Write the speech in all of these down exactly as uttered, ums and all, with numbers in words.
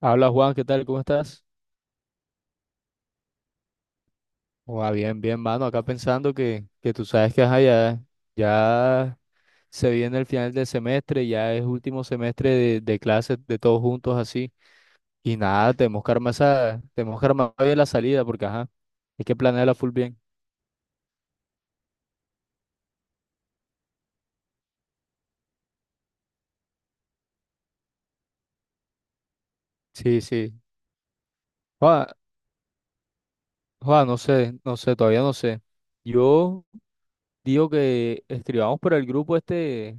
Habla Juan, ¿qué tal? ¿Cómo estás? Ua, bien, bien, mano. Acá pensando que, que tú sabes que ajá, ya, ya se viene el final del semestre, ya es último semestre de, de clases de todos juntos así. Y nada, tenemos que armar esa, tenemos que armar bien la salida porque ajá, hay que planearla full bien. Sí, sí. Juan, Juan, no sé, no sé, todavía no sé. Yo digo que escribamos por el grupo este,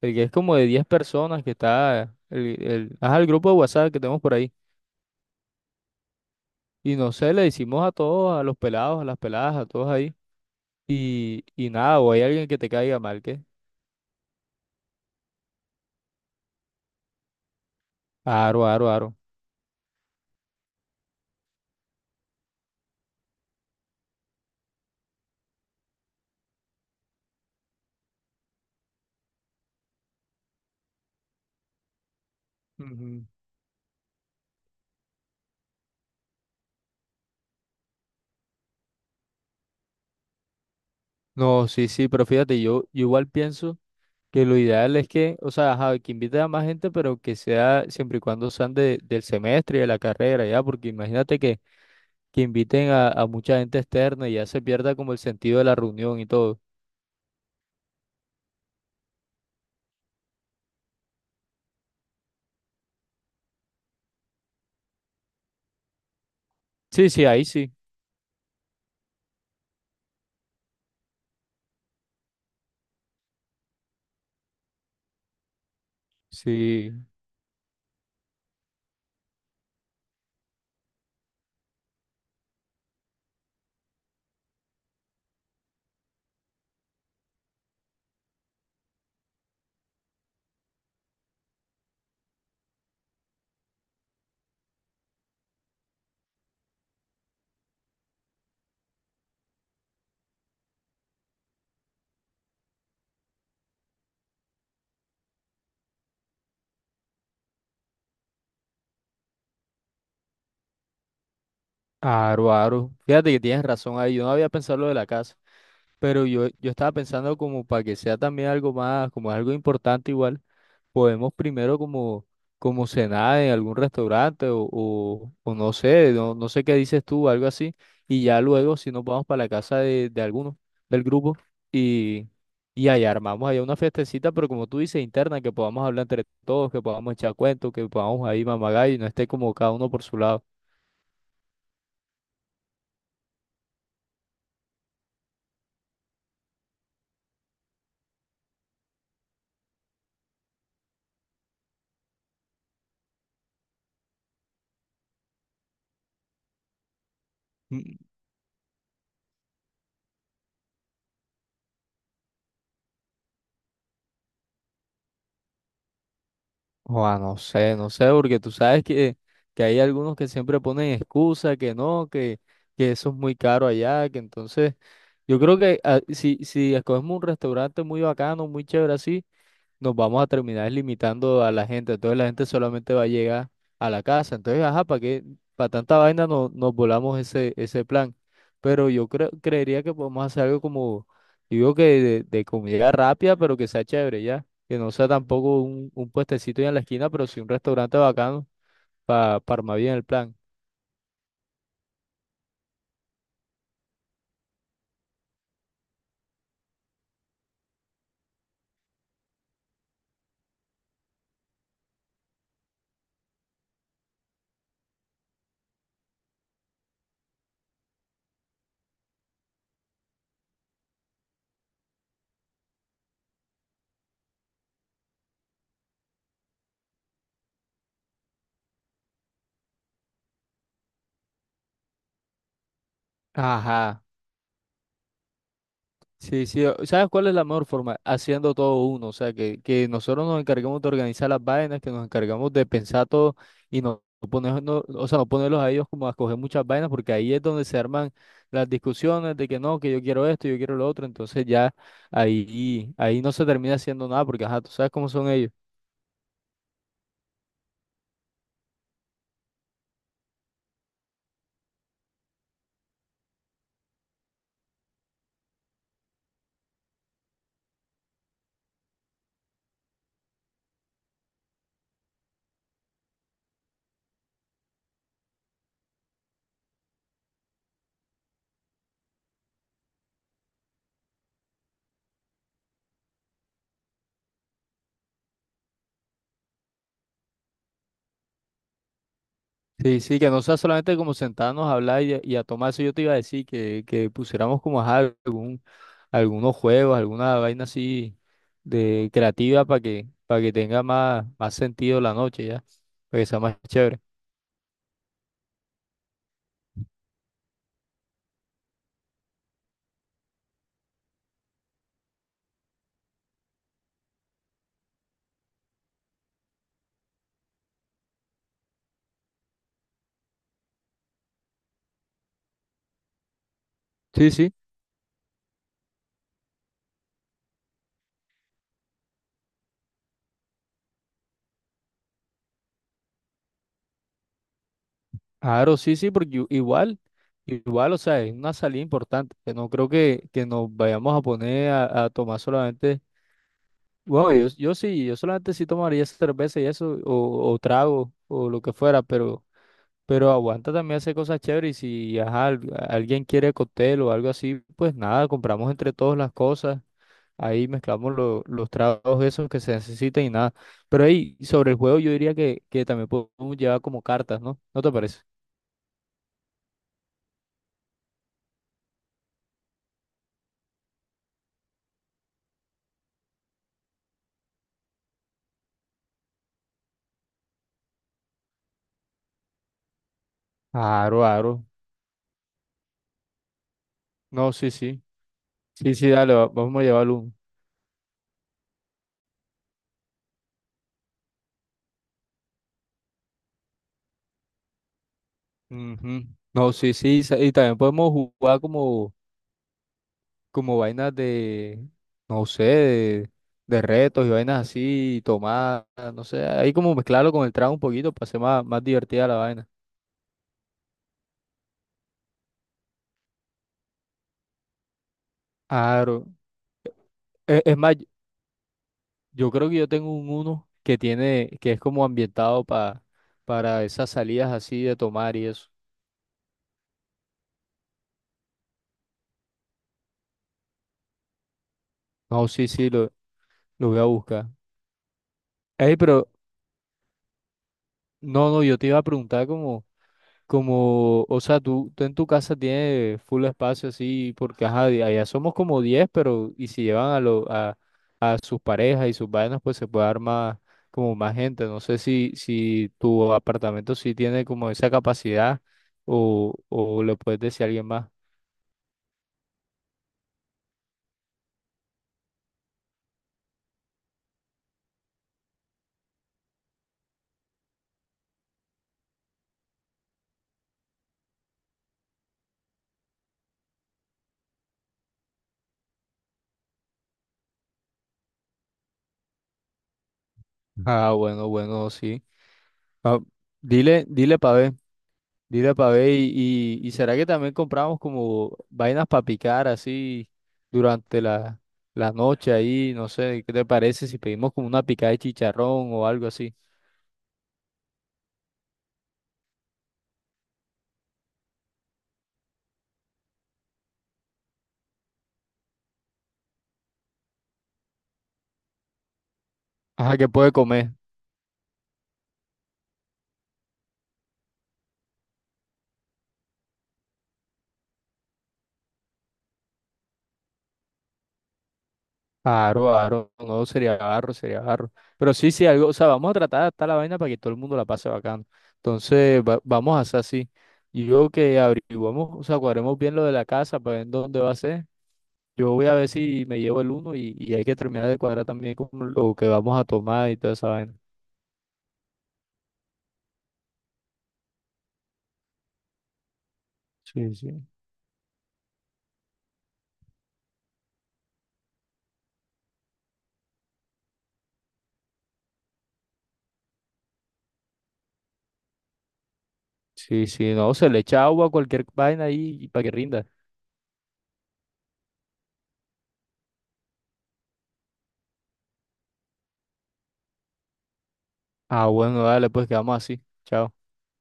el que es como de diez personas que está, el, el, ajá, el grupo de WhatsApp que tenemos por ahí. Y no sé, le decimos a todos, a los pelados, a las peladas, a todos ahí. Y, y nada, o hay alguien que te caiga mal, ¿qué? Aro, aro, aro. Ujú. No, sí, sí, pero fíjate, yo, yo igual pienso que lo ideal es que, o sea, ajá, que invite a más gente, pero que sea siempre y cuando sean de, del semestre y de la carrera, ya, porque imagínate que, que, inviten a, a mucha gente externa y ya se pierda como el sentido de la reunión y todo. Sí, sí, ahí sí. Sí, aro, aro. Fíjate que tienes razón ahí, yo no había pensado lo de la casa. Pero yo, yo estaba pensando como para que sea también algo más, como algo importante igual, podemos primero como, como cenar en algún restaurante o, o, o no sé, no, no sé qué dices tú, algo así, y ya luego si nos vamos para la casa de, de alguno del grupo y, y allá armamos allá una festecita, pero como tú dices, interna, que podamos hablar entre todos, que podamos echar cuentos, que podamos ahí mamagallo y no esté como cada uno por su lado. Joa, no sé, no sé, porque tú sabes que, que hay algunos que siempre ponen excusa, que no, que, que eso es muy caro allá, que entonces yo creo que ah, si, si escogemos un restaurante muy bacano, muy chévere así, nos vamos a terminar limitando a la gente. Entonces la gente solamente va a llegar a la casa. Entonces, ajá, ¿para qué? Para tanta vaina no, nos volamos ese, ese plan. Pero yo creo, creería que podemos hacer algo como, digo que de, de, comida rápida, pero que sea chévere ya. Que no sea tampoco un, un puestecito ahí en la esquina, pero sí un restaurante bacano para armar bien el plan. Ajá. Sí, sí, o- ¿sabes cuál es la mejor forma? Haciendo todo uno, o sea, que, que nosotros nos encarguemos de organizar las vainas, que nos encargamos de pensar todo y no no ponernos, no- o sea, no ponerlos a ellos como a escoger muchas vainas, porque ahí es donde se arman las discusiones de que no, que yo quiero esto, yo quiero lo otro, entonces ya ahí, ahí no se termina haciendo nada, porque ajá, tú sabes cómo son ellos. Sí, sí, que no sea solamente como sentarnos a hablar y, a y a tomar eso, yo te iba a decir que, que, pusiéramos como ajá, algún algunos juegos, alguna vaina así de creativa para que, para que tenga más, más sentido la noche ya, para que sea más chévere. Sí, sí, claro, sí, sí, porque i- igual, igual, o sea, es una salida importante, que no creo que, que, nos vayamos a poner a, a tomar solamente, bueno, yo, yo sí, yo solamente sí tomaría cerveza y eso, o, o trago, o lo que fuera, pero, pero aguanta también hacer cosas chéveres y si, ajá, al- alguien quiere cóctel o algo así, pues nada, compramos entre todos las cosas. Ahí mezclamos lo- los tragos esos que se necesitan y nada. Pero ahí, sobre el juego, yo diría que, que, también podemos llevar como cartas, ¿no? ¿No te parece? Aro, aro. No, sí, sí. Sí, sí, dale, va- vamos a llevarlo. un- Ujú. No, sí, sí. sa- Y también podemos jugar como, como vainas de, no sé, de, de retos y vainas así, tomar, no sé. Ahí como mezclarlo con el trago un poquito para hacer más, más divertida la vaina. Aro. Es, es más. Yo creo que yo tengo un uno que tiene, que es como ambientado pa- para esas salidas así de tomar y eso. No, sí, sí, lo, lo voy a buscar. Ey, pero no, no, yo te iba a preguntar como, como, o sea, tú, tú en tu casa tienes full espacio así, porque ajá, de allá somos como diez pero y si llevan a lo, a, a sus parejas y sus vainas, pues se puede armar como más gente. No sé si, si tu apartamento sí tiene como esa capacidad o, o le puedes decir a alguien más. Ah, bueno, bueno, sí. Ah, dile, dile pa' ver, dile pa' ver y, y, y será que también compramos como vainas para picar así durante la, la noche ahí, no sé, ¿qué te parece si pedimos como una picada de chicharrón o algo así? Ajá, ¿qué puede comer? Aro, aro, no sería barro, sería barro. Pero sí, sí, algo, o sea, vamos a tratar de adaptar la vaina para que todo el mundo la pase bacano. Entonces, va- vamos a hacer así. Y yo que averiguamos, o sea, cuadremos bien lo de la casa para ver dónde va a ser. Yo voy a ver si me llevo el uno y, y hay que terminar de cuadrar también con lo que vamos a tomar y toda esa vaina. Sí, sí. Sí, sí, no, se le echa agua a cualquier vaina ahí y para que rinda. Ah, bueno, dale, pues quedamos así. Chao.